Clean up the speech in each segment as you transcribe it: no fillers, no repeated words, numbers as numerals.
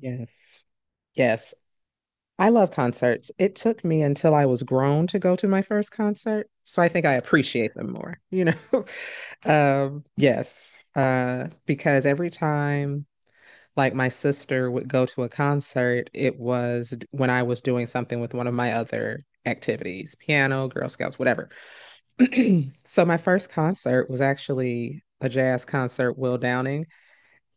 Yes. Yes. I love concerts. It took me until I was grown to go to my first concert. So I think I appreciate them more, you know? Yes. Because every time like my sister would go to a concert, it was when I was doing something with one of my other activities, piano, Girl Scouts, whatever. So my first concert was actually a jazz concert, Will Downing,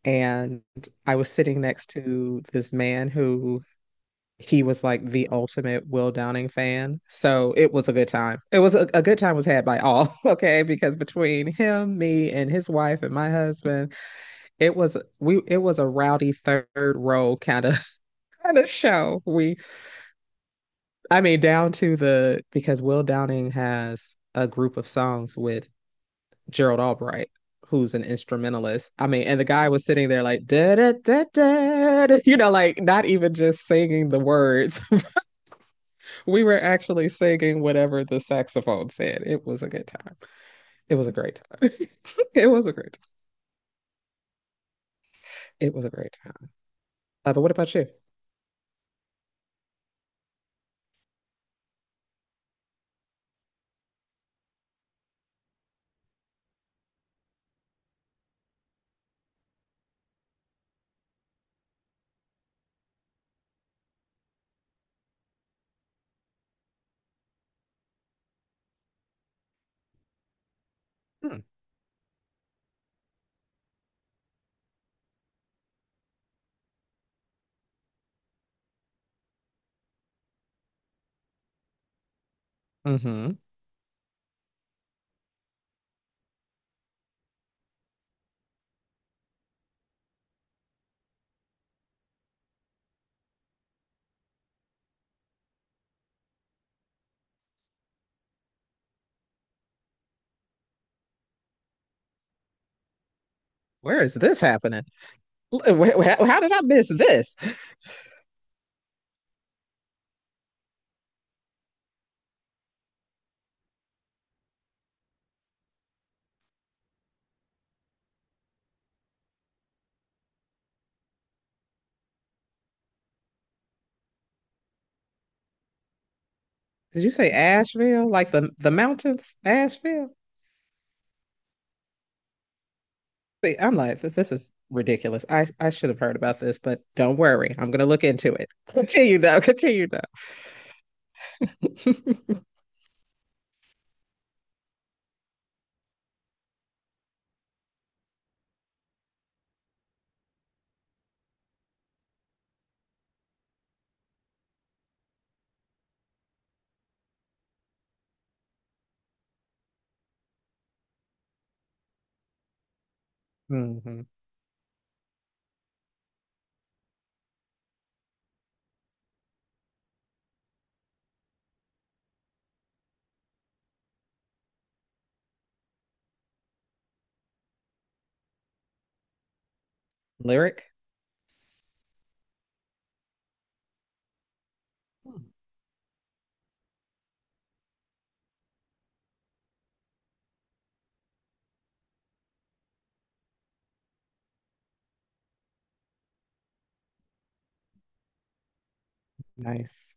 and I was sitting next to this man who he was like the ultimate Will Downing fan. So it was a good time. It was a good time was had by all, okay? Because between him, me, and his wife and my husband, it was we it was a rowdy third row kind of show we I mean down to the because Will Downing has a group of songs with Gerald Albright who's an instrumentalist. I mean, and the guy was sitting there like da da da da, you know, like not even just singing the words. We were actually singing whatever the saxophone said. It was a good time. It was a great time. It was a great time. It was a great time. But what about you? Hmm. Mm-hmm. Where is this happening? How did I miss this? Did you say Asheville? Like the mountains, Asheville? See, I'm like, this is ridiculous. I should have heard about this, but don't worry, I'm gonna look into it. Continue though. Continue though. Hmm. Lyric, nice.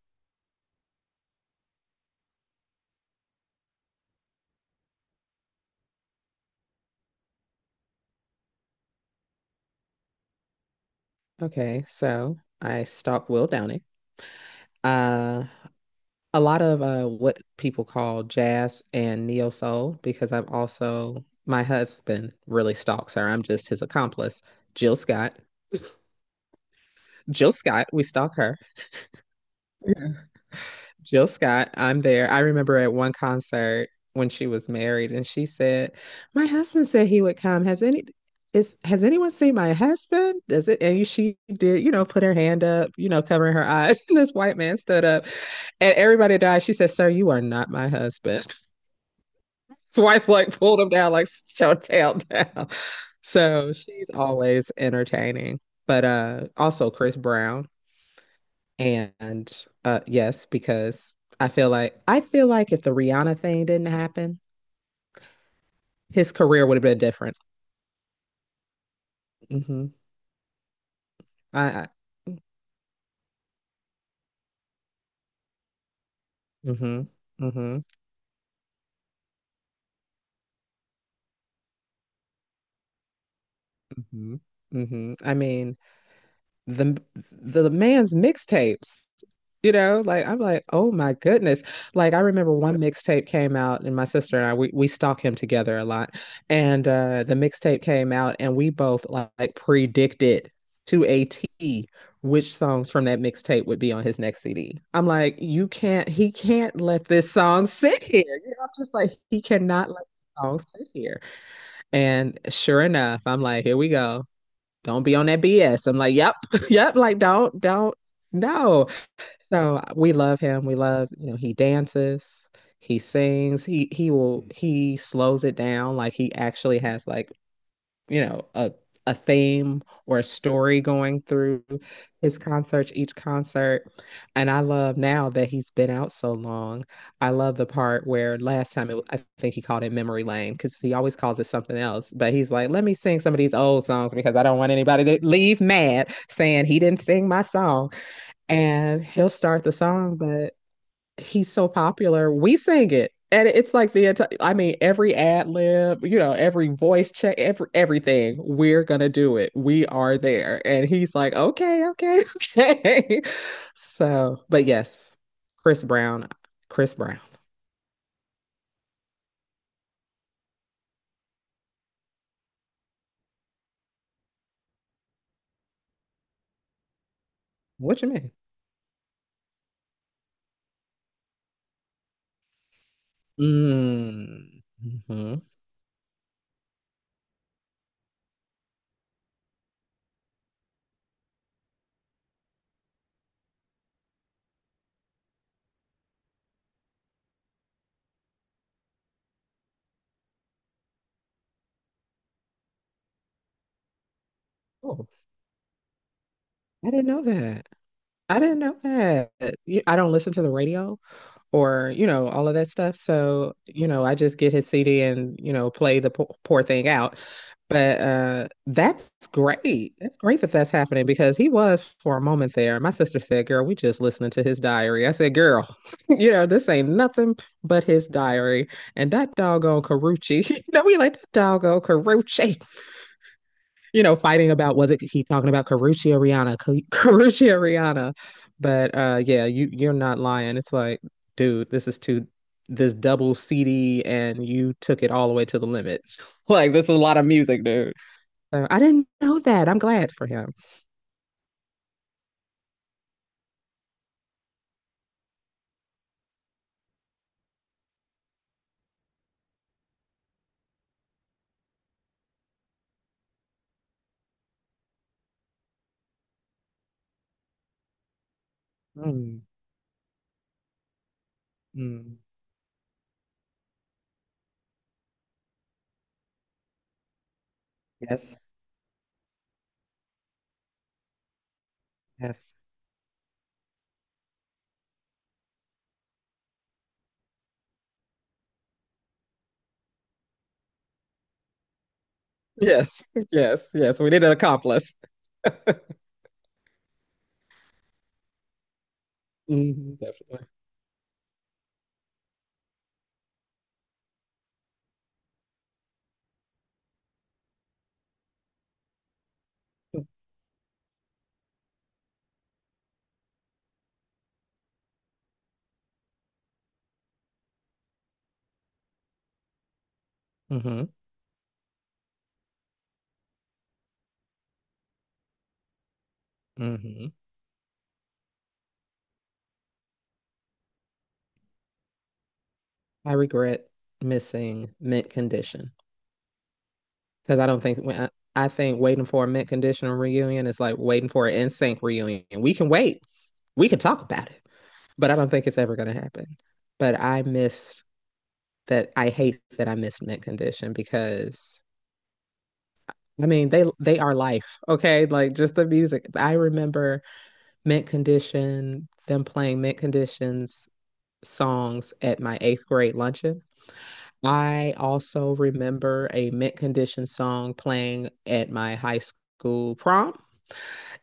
Okay, so I stalked Will Downing. Uh, a lot of what people call jazz and neo soul because I've also my husband really stalks her. I'm just his accomplice. Jill Scott. Jill Scott, we stalk her. Jill Scott, I'm there. I remember at one concert when she was married, and she said, "My husband said he would come. Has any is has anyone seen my husband? Does it?" And she did, you know, put her hand up, you know, covering her eyes. And this white man stood up, and everybody died. She said, "Sir, you are not my husband." His wife like pulled him down, like show tail down. So she's always entertaining. But also Chris Brown. And yes, because I feel like if the Rihanna thing didn't happen, his career would have been different. Hmm. I. Hmm. Hmm. Hmm. Hmm. I mean, the the man's mixtapes. You know, like I'm like, oh my goodness. Like I remember one mixtape came out and my sister and I we stalk him together a lot. And the mixtape came out and we both like predicted to a T which songs from that mixtape would be on his next CD. I'm like, you can't he can't let this song sit here. You know, I'm just like he cannot let this song sit here. And sure enough, I'm like, here we go. Don't be on that BS. I'm like, yep, yep, like don't no. So we love him. We love, you know, he dances, he sings, he slows it down. Like he actually has like, you know, a theme or a story going through his concerts, each concert. And I love now that he's been out so long. I love the part where last time it, I think he called it Memory Lane because he always calls it something else. But he's like, let me sing some of these old songs because I don't want anybody to leave mad saying he didn't sing my song and he'll start the song, but he's so popular, we sing it. And it's like I mean, every ad lib, you know, every voice check, every everything, we're gonna do it. We are there. And he's like, okay, okay, okay. So, but yes, Chris Brown, Chris Brown. What you mean? Mm-hmm. Oh, I didn't know that. I didn't know that. You- I don't listen to the radio or, you know, all of that stuff. So, you know, I just get his CD and, you know, play the po poor thing out. But that's great. That's great that that's happening because he was for a moment there. My sister said, "Girl, we just listening to his diary." I said, "Girl, you know, this ain't nothing but his diary." And that doggone Carucci. You know, we like that doggone Carucci you know, fighting about was it he talking about Carucci or Rihanna? Or Rihanna? But yeah, you you're not lying. It's like, dude, this is too this double CD, and you took it all the way to the limit. Like this is a lot of music, dude. So I didn't know that. I'm glad for him. Mm, mm. Yes, yes, yes, yes, yes. We need an accomplice. Hmm, definitely. Hmm. Hmm. I regret missing mint condition. Because I don't think I think waiting for a mint condition reunion is like waiting for an NSYNC reunion. We can wait. We can talk about it. But I don't think it's ever gonna happen. But I hate that I miss mint condition because I mean they are life, okay? Like just the music. I remember mint condition, them playing mint conditions songs at my eighth grade luncheon. I also remember a mint condition song playing at my high school prom.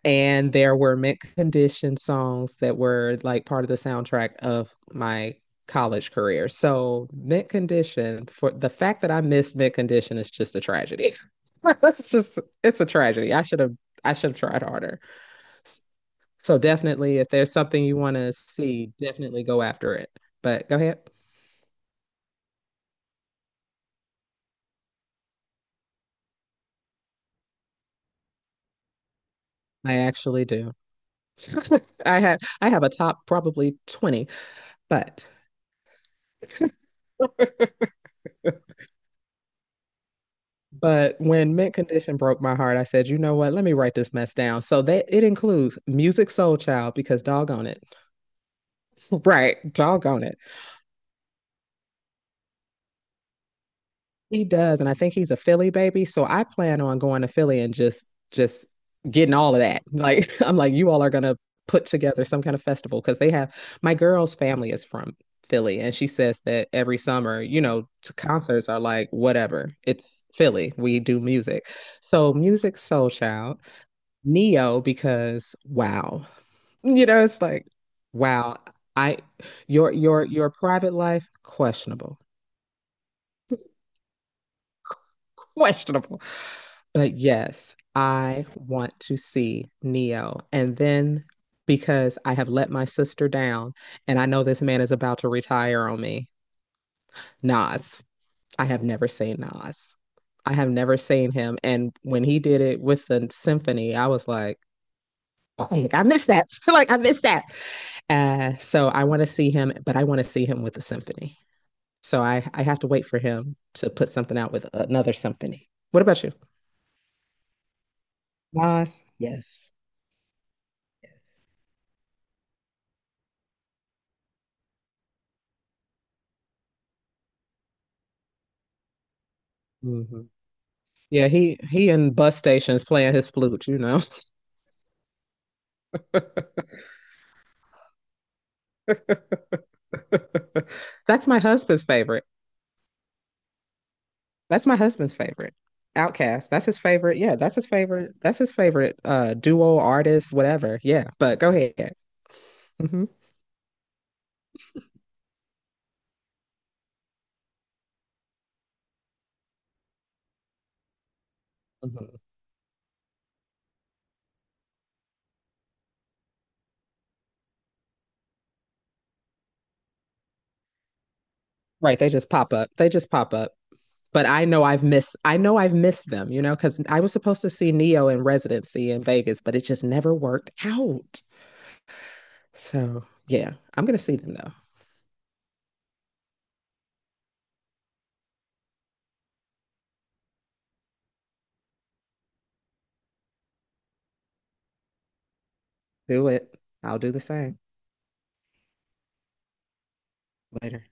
And there were mint condition songs that were like part of the soundtrack of my college career. So mint condition for the fact that I missed mint condition is just a tragedy. That's just it's a tragedy. I should have tried harder. S- So definitely if there's something you want to see, definitely go after it. But go ahead. I actually do. I have a top probably 20, but but when Mint Condition broke my heart, I said, you know what? Let me write this mess down. So that it includes Music Soul Child because doggone it. Right. Doggone it. He does. And I think he's a Philly baby. So I plan on going to Philly and just getting all of that. Like I'm like, you all are gonna put together some kind of festival because they have my girl's family is from Philly and she says that every summer, you know, concerts are like whatever. It's Philly. We do music. So Music Soul Child Neo because wow. You know, it's like wow. I your private life questionable. Questionable. But yes, I want to see Neo. And then because I have let my sister down and I know this man is about to retire on me. Nas. I have never seen Nas. I have never seen him. And when he did it with the symphony, I was like, oh, I missed that. Like I missed that. So I want to see him, but I want to see him with a symphony. So I have to wait for him to put something out with another symphony. What about you? Nas, yes. Yes. Hmm. Yeah, he in bus stations playing his flute, you know. That's my husband's favorite. That's my husband's favorite. Outcast. That's his favorite. Yeah, that's his favorite. That's his favorite duo artist, whatever. Yeah, but go ahead. Hmm. Hmm. Right, they just pop up. They just pop up. But I know I've missed them, you know, because I was supposed to see Neo in residency in Vegas, but it just never worked out. So yeah, I'm gonna see them though. Do it. I'll do the same later.